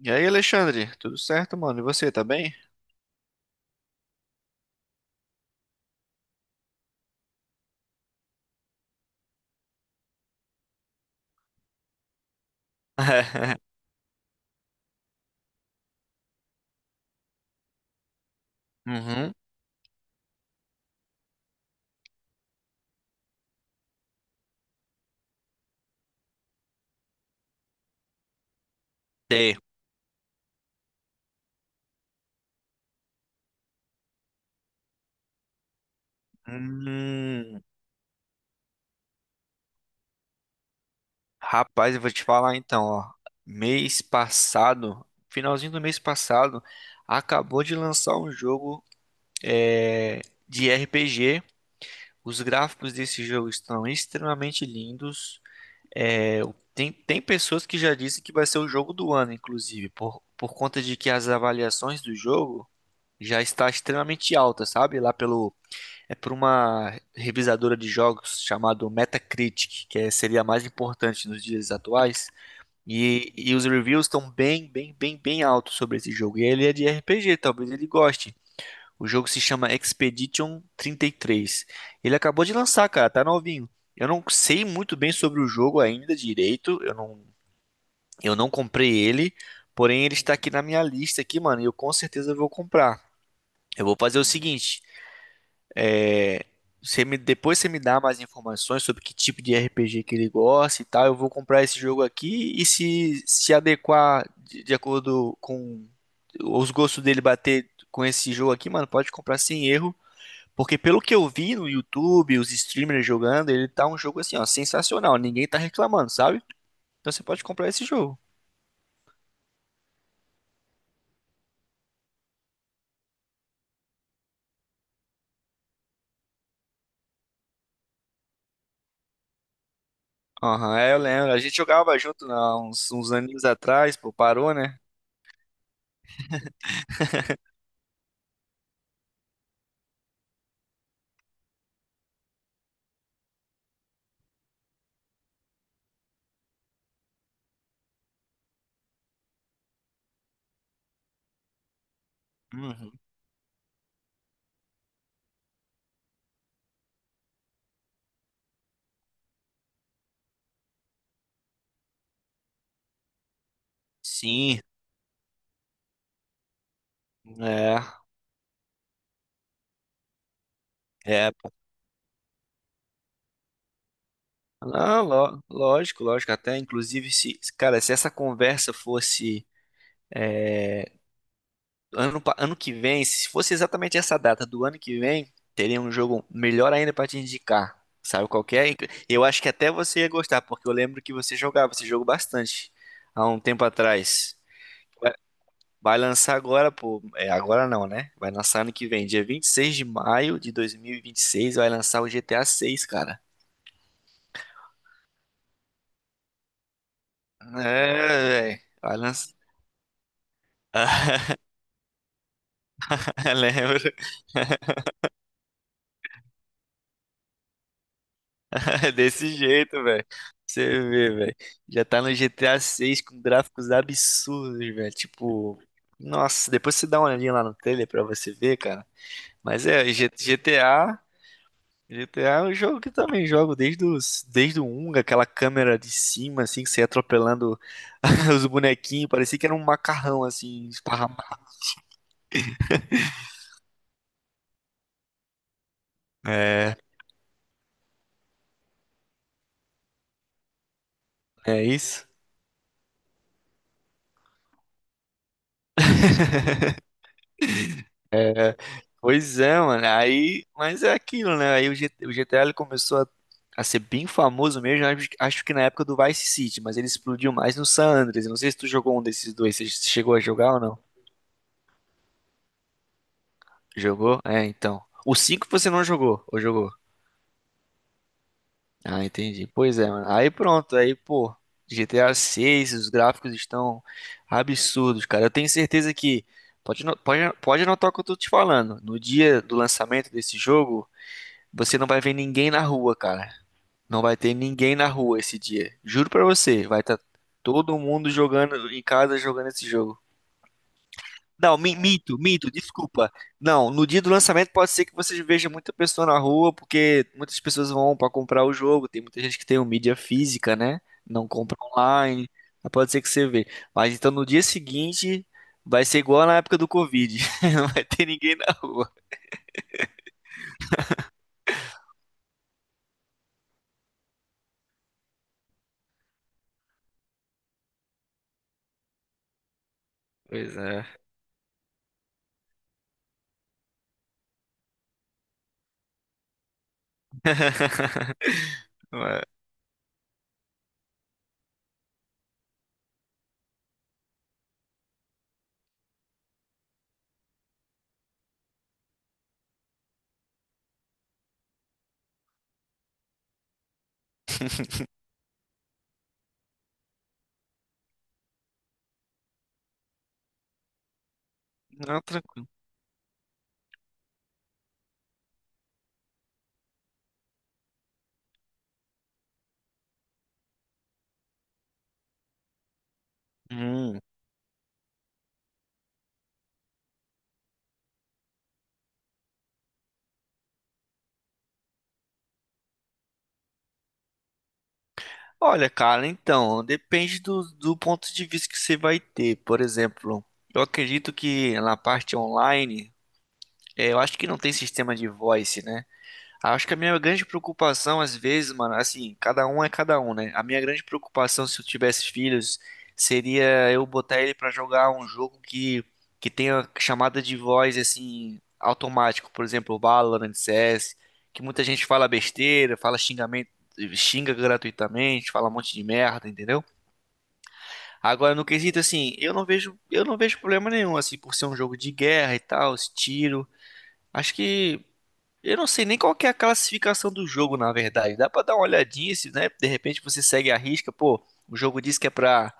E aí, Alexandre? Tudo certo, mano? E você, tá bem? Uhum. T. Hum, rapaz, eu vou te falar então, ó. Mês passado, finalzinho do mês passado, acabou de lançar um jogo de RPG. Os gráficos desse jogo estão extremamente lindos. É, tem pessoas que já dizem que vai ser o jogo do ano, inclusive, por conta de que as avaliações do jogo já está extremamente alta, sabe? Lá pelo É por uma revisadora de jogos chamado Metacritic, que seria a mais importante nos dias atuais. E os reviews estão bem, bem, bem, bem altos sobre esse jogo. E ele é de RPG, talvez ele goste. O jogo se chama Expedition 33. Ele acabou de lançar, cara, tá novinho. Eu não sei muito bem sobre o jogo ainda direito. Eu não comprei ele, porém ele está aqui na minha lista aqui, mano, e eu com certeza vou comprar. Eu vou fazer o seguinte, depois você me dá mais informações sobre que tipo de RPG que ele gosta e tal. Eu vou comprar esse jogo aqui e se adequar de acordo com os gostos dele bater com esse jogo aqui, mano, pode comprar sem erro. Porque pelo que eu vi no YouTube, os streamers jogando, ele tá um jogo assim, ó, sensacional. Ninguém tá reclamando, sabe? Então você pode comprar esse jogo. Aham, é, eu lembro. A gente jogava junto há uns aninhos atrás, pô, parou, né? Uhum. Sim, é. É, ah, lógico, lógico. Até, inclusive, se, cara, se essa conversa fosse é, ano que vem, se fosse exatamente essa data do ano que vem, teria um jogo melhor ainda pra te indicar. Sabe qual que é? Eu acho que até você ia gostar, porque eu lembro que você jogava esse jogo bastante há um tempo atrás. Vai, vai lançar agora, pô. É, agora não, né? Vai lançar ano que vem, dia 26 de maio de dois mil e vinte e seis, vai lançar o GTA 6, cara. É, velho. Vai lançar. Lembro. Desse jeito, velho. Você vê, velho. Já tá no GTA 6 com gráficos absurdos, velho. Tipo, nossa, depois você dá uma olhadinha lá no trailer pra você ver, cara. Mas GTA é um jogo que eu também jogo desde o um aquela câmera de cima, assim, que você ia atropelando os bonequinhos, parecia que era um macarrão, assim, esparramado. É, é isso? Pois é, mano. Aí, mas é aquilo, né? Aí o GTA ele começou a ser bem famoso mesmo, acho que na época do Vice City, mas ele explodiu mais no San Andreas. Eu não sei se tu jogou um desses dois. Você chegou a jogar ou não? Jogou? É, então. O 5 você não jogou, ou jogou? Ah, entendi. Pois é, mano. Aí pronto, aí, pô, GTA 6 os gráficos estão absurdos, cara. Eu tenho certeza que pode anotar o que eu tô te falando. No dia do lançamento desse jogo, você não vai ver ninguém na rua, cara. Não vai ter ninguém na rua esse dia. Juro pra você, vai estar todo mundo jogando em casa jogando esse jogo. Não, minto, desculpa. Não, no dia do lançamento pode ser que você veja muita pessoa na rua, porque muitas pessoas vão pra comprar o jogo. Tem muita gente que tem o mídia física, né? Não compra online. Mas pode ser que você vê. Mas então no dia seguinte vai ser igual na época do Covid. Não vai ter ninguém na rua. Pois é. Não é. Não, tranquilo. Hum. Olha, cara, então, depende do ponto de vista que você vai ter. Por exemplo, eu acredito que na parte online, eu acho que não tem sistema de voice, né? Acho que a minha grande preocupação, às vezes, mano, assim, cada um é cada um, né? A minha grande preocupação, se eu tivesse filhos, seria eu botar ele pra jogar um jogo que tenha chamada de voz, assim, automático. Por exemplo, Valorant, CS, que muita gente fala besteira, fala xingamento, xinga gratuitamente, fala um monte de merda, entendeu? Agora, no quesito, assim, eu não vejo problema nenhum, assim, por ser um jogo de guerra e tal, esse tiro. Acho que eu não sei nem qual que é a classificação do jogo, na verdade. Dá pra dar uma olhadinha, se, né? De repente você segue a risca, pô, o jogo diz que é pra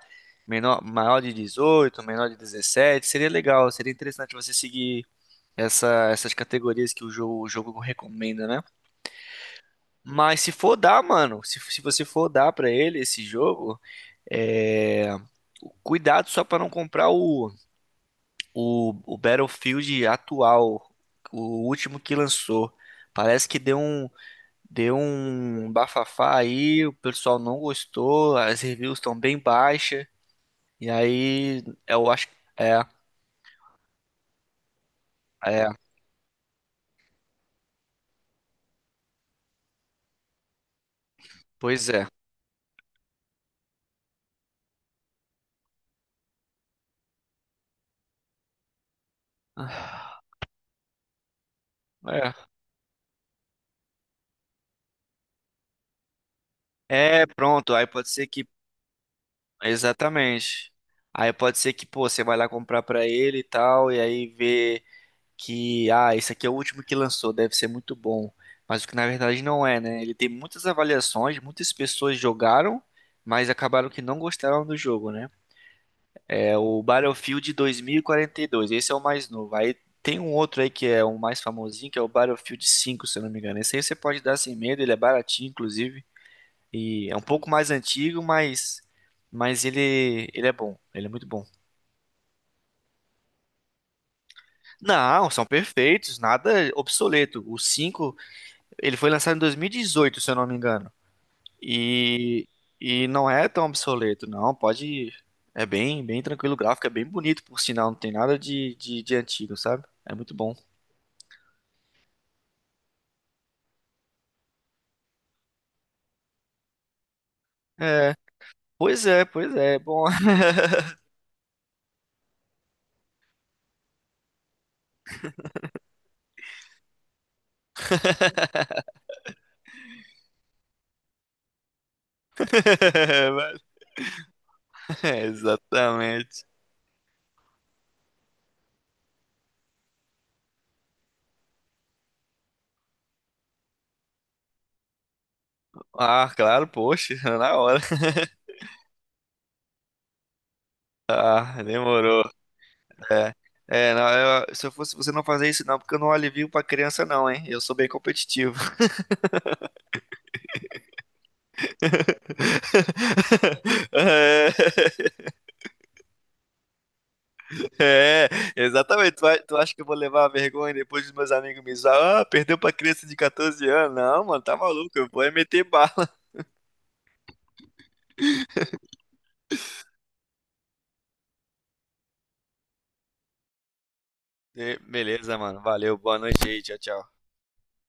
menor, maior de 18, menor de 17. Seria legal, seria interessante você seguir essas categorias que o jogo recomenda, né? Mas se for dar, mano, se você for dar pra ele esse jogo, é... cuidado só pra não comprar o Battlefield atual, o último que lançou. Parece que deu um Deu um bafafá aí, o pessoal não gostou, as reviews estão bem baixas. E aí, eu acho que. É, pois é. É, é, pronto, aí pode ser que. Exatamente. Aí pode ser que, pô, você vai lá comprar pra ele e tal, e aí vê que, ah, esse aqui é o último que lançou, deve ser muito bom. Mas o que na verdade não é, né? Ele tem muitas avaliações, muitas pessoas jogaram, mas acabaram que não gostaram do jogo, né? É o Battlefield 2042, esse é o mais novo. Aí tem um outro aí que é o mais famosinho, que é o Battlefield 5 se eu não me engano. Esse aí você pode dar sem medo, ele é baratinho, inclusive. E é um pouco mais antigo, mas ele é bom, ele é muito bom. Não, são perfeitos, nada obsoleto. O 5 ele foi lançado em 2018 se eu não me engano. E, e não é tão obsoleto, não, pode... É bem, bem tranquilo o gráfico, é bem bonito, por sinal, não tem nada de antigo, sabe? É muito bom. É, pois é, pois é, bom. É, exatamente. Ah, claro, poxa, na hora. Ah, demorou. É, é, não, se eu fosse você não fazer isso não, porque eu não alivio pra criança não, hein? Eu sou bem competitivo. É, exatamente. Tu acha que eu vou levar a vergonha depois dos meus amigos me zoar? Ah, perdeu pra criança de 14 anos? Não, mano, tá maluco, eu vou é meter bala. Beleza, mano, valeu, boa noite aí, tchau, tchau.